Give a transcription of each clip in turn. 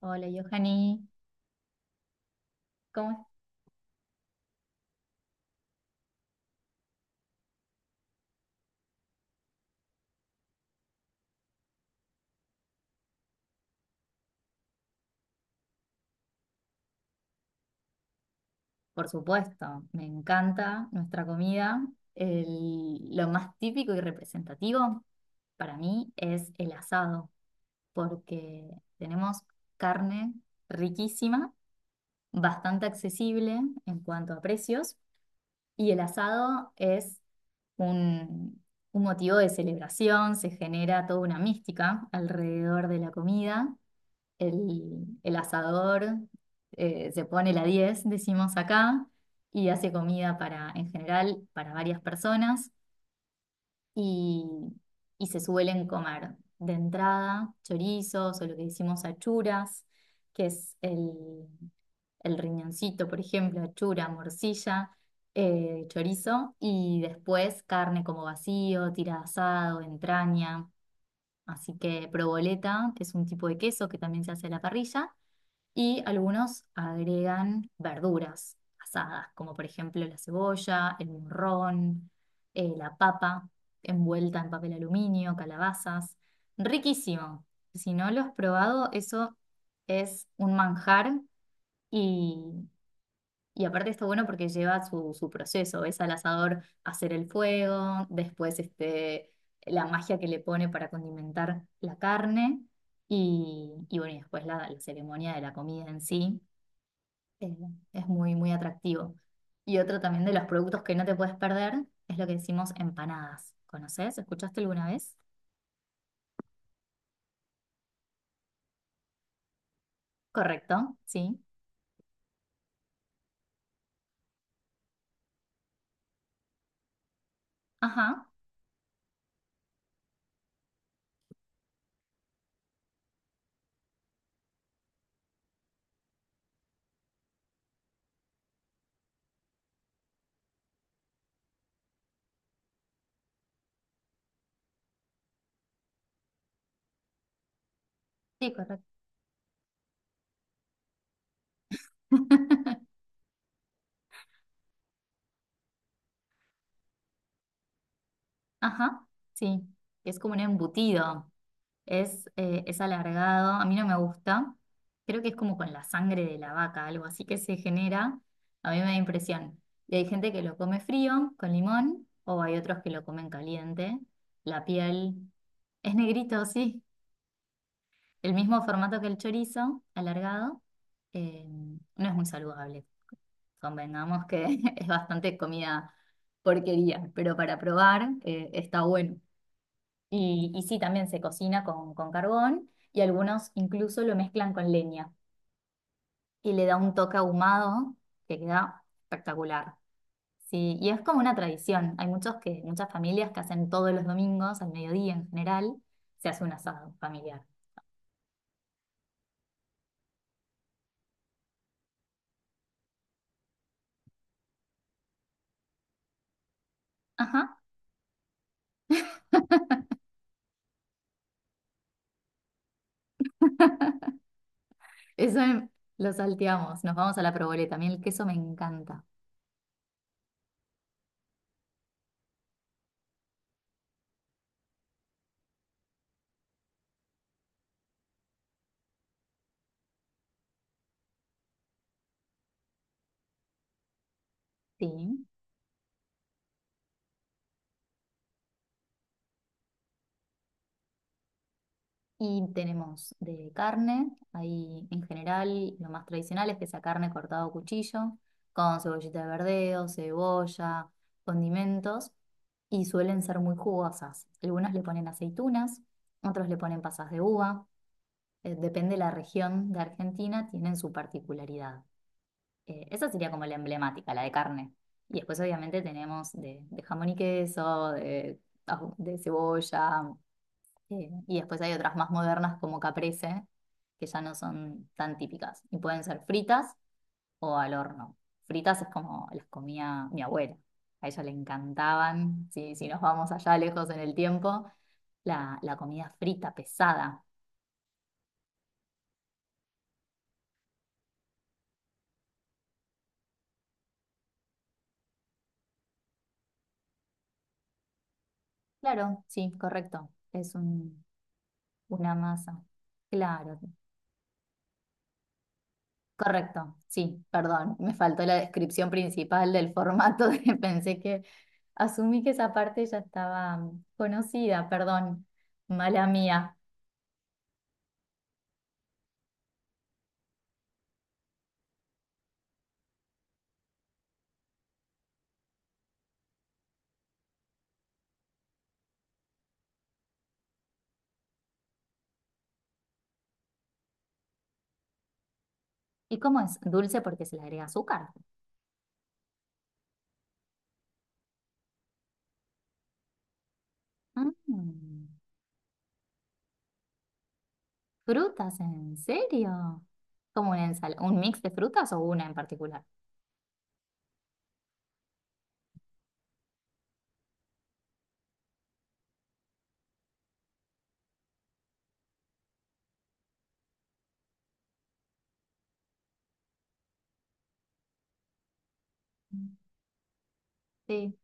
Hola, Johanny. ¿Cómo es? Por supuesto, me encanta nuestra comida. Lo más típico y representativo para mí es el asado, porque tenemos carne riquísima, bastante accesible en cuanto a precios, y el asado es un, un motivo de celebración. Se genera toda una mística alrededor de la comida, el asador, se pone la diez, decimos acá, y hace comida para, en general, para varias personas, y, y se suelen comer de entrada chorizos o lo que decimos achuras, que es el riñoncito, por ejemplo, achura, morcilla. Chorizo y después carne como vacío, tira de asado, entraña. Así que provoleta es un tipo de queso que también se hace a la parrilla, y algunos agregan verduras asadas, como por ejemplo la cebolla, el morrón, la papa envuelta en papel aluminio, calabazas. Riquísimo. Si no lo has probado, eso es un manjar, y, y aparte está bueno porque lleva su proceso. Ves al asador hacer el fuego, después este, la magia que le pone para condimentar la carne. Y bueno, y después la ceremonia de la comida en sí, eh, es muy, muy atractivo. Y otro también de los productos que no te puedes perder es lo que decimos empanadas. ¿Conoces? ¿Escuchaste alguna vez? Correcto, sí. Ajá, sí, correcto. Ajá, sí. Es como un embutido. Es alargado. A mí no me gusta. Creo que es como con la sangre de la vaca, algo así que se genera. A mí me da impresión. Y hay gente que lo come frío, con limón, o hay otros que lo comen caliente. La piel es negrito, sí. El mismo formato que el chorizo, alargado, eh, no es muy saludable. Convengamos que es bastante comida porquería, pero para probar, está bueno. Y sí, también se cocina con carbón, y algunos incluso lo mezclan con leña y le da un toque ahumado que queda espectacular. Sí, y es como una tradición. Hay muchas familias que hacen todos los domingos, al mediodía en general, se hace un asado familiar. Ajá. Eso em- lo salteamos, nos vamos a la provoleta. A mí el queso me encanta. Sí. Y tenemos de carne, ahí en general lo más tradicional es que sea carne cortada a cuchillo, con cebollita de verdeo, cebolla, condimentos, y suelen ser muy jugosas. Algunas le ponen aceitunas, otros le ponen pasas de uva. Depende de la región de Argentina, tienen su particularidad. Esa sería como la emblemática, la de carne. Y después obviamente tenemos de jamón y queso, de cebolla, y después hay otras más modernas como caprese, que ya no son tan típicas. Y pueden ser fritas o al horno. Fritas es como las comía mi abuela. A ella le encantaban. Si nos vamos allá lejos en el tiempo, la comida frita, pesada. Claro, sí, correcto. Es un, una masa. Claro. Correcto, sí, perdón, me faltó la descripción principal del formato, pensé que asumí que esa parte ya estaba, conocida, perdón, mala mía. ¿Y cómo es? ¿Dulce porque se le agrega azúcar? Mm, Frutas, ¿en serio? ¿Como una ensala- un mix de frutas o una en particular? Mm, sí.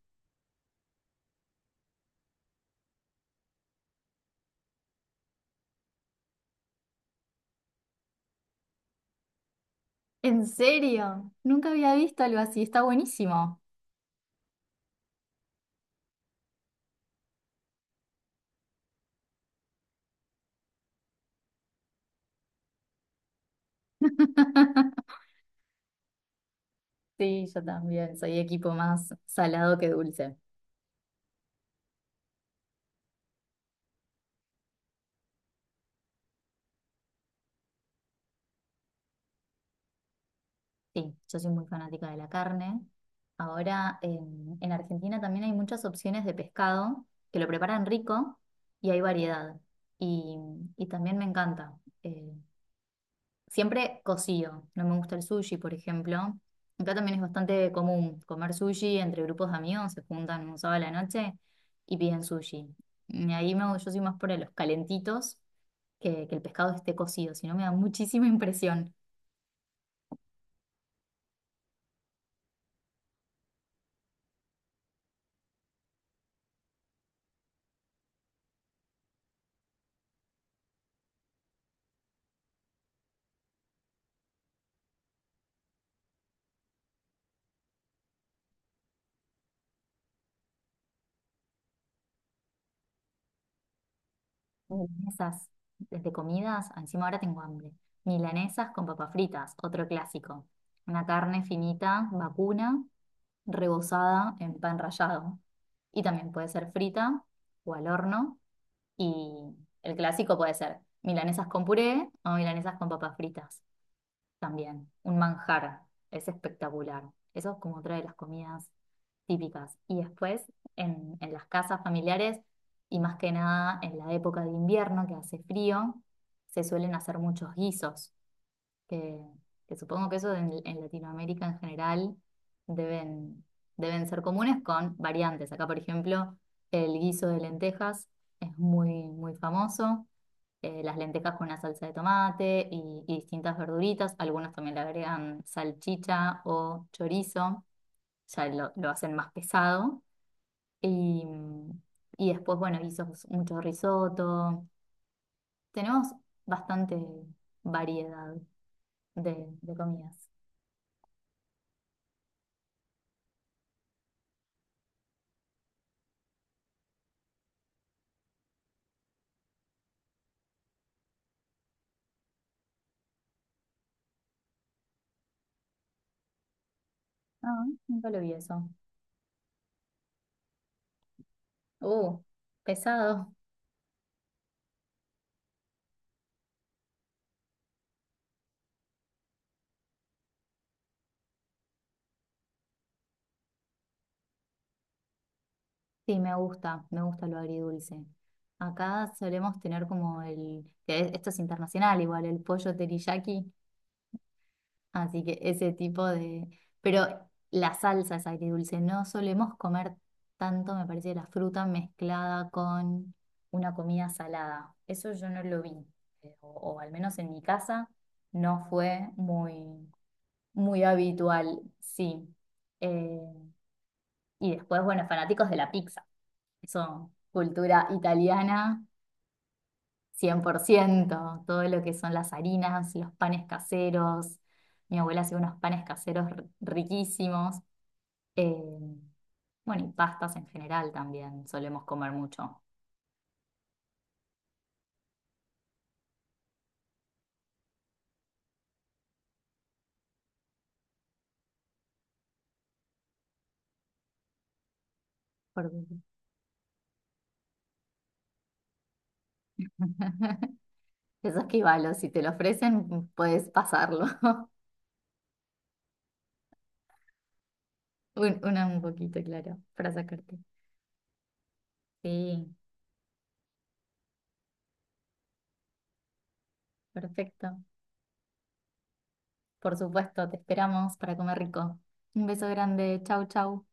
¿En serio? Nunca había visto algo así, está buenísimo. Sí, yo también, soy equipo más salado que dulce. Sí, yo soy muy fanática de la carne. Ahora en Argentina también hay muchas opciones de pescado que lo preparan rico y hay variedad. Y, y también me encanta. Eh, siempre cocido. No me gusta el sushi, por ejemplo. Acá también es bastante común comer sushi entre grupos de amigos, se juntan un sábado a la noche y piden sushi. Y ahí me, yo soy más por los calentitos, que el pescado esté cocido, si no me da muchísima impresión. Milanesas, desde comidas, encima ahora tengo hambre. Milanesas con papas fritas, otro clásico. Una carne finita, vacuna, rebozada en pan rallado. Y también puede ser frita o al horno. Y el clásico puede ser milanesas con puré o milanesas con papas fritas, también un manjar, es espectacular. Eso es como otra de las comidas típicas. Y después en las casas familiares, y más que nada en la época de invierno que hace frío, se suelen hacer muchos guisos, que, que supongo que eso en Latinoamérica en general deben, deben ser comunes con variantes. Acá, por ejemplo, el guiso de lentejas es muy, muy famoso. Las lentejas con una salsa de tomate y distintas verduritas. Algunos también le agregan salchicha o chorizo, ya lo hacen más pesado. Y, y después, bueno, hizo mucho risotto. Tenemos bastante variedad de, de comidas. Ah, nunca lo vi eso. Uh, pesado. Sí, me gusta lo agridulce. Acá solemos tener como el, que esto es internacional igual, el pollo teriyaki. Así que ese tipo de... Pero la salsa es agridulce. No solemos comer tanto, me parece, la fruta mezclada con una comida salada. Eso yo no lo vi, eh, O, o al menos en mi casa no fue muy, muy habitual, sí. Eh, y después, bueno, fanáticos de la pizza. Eso, cultura italiana 100%. Todo lo que son las harinas, los panes caseros. Mi abuela hacía unos panes caseros riquísimos. Eh, bueno, y pastas en general también solemos comer mucho. Por- Eso es que valo, si te lo ofrecen, puedes pasarlo. Una, un poquito, claro, para sacarte. Sí, perfecto. Por supuesto, te esperamos para comer rico. Un beso grande, chau, chau.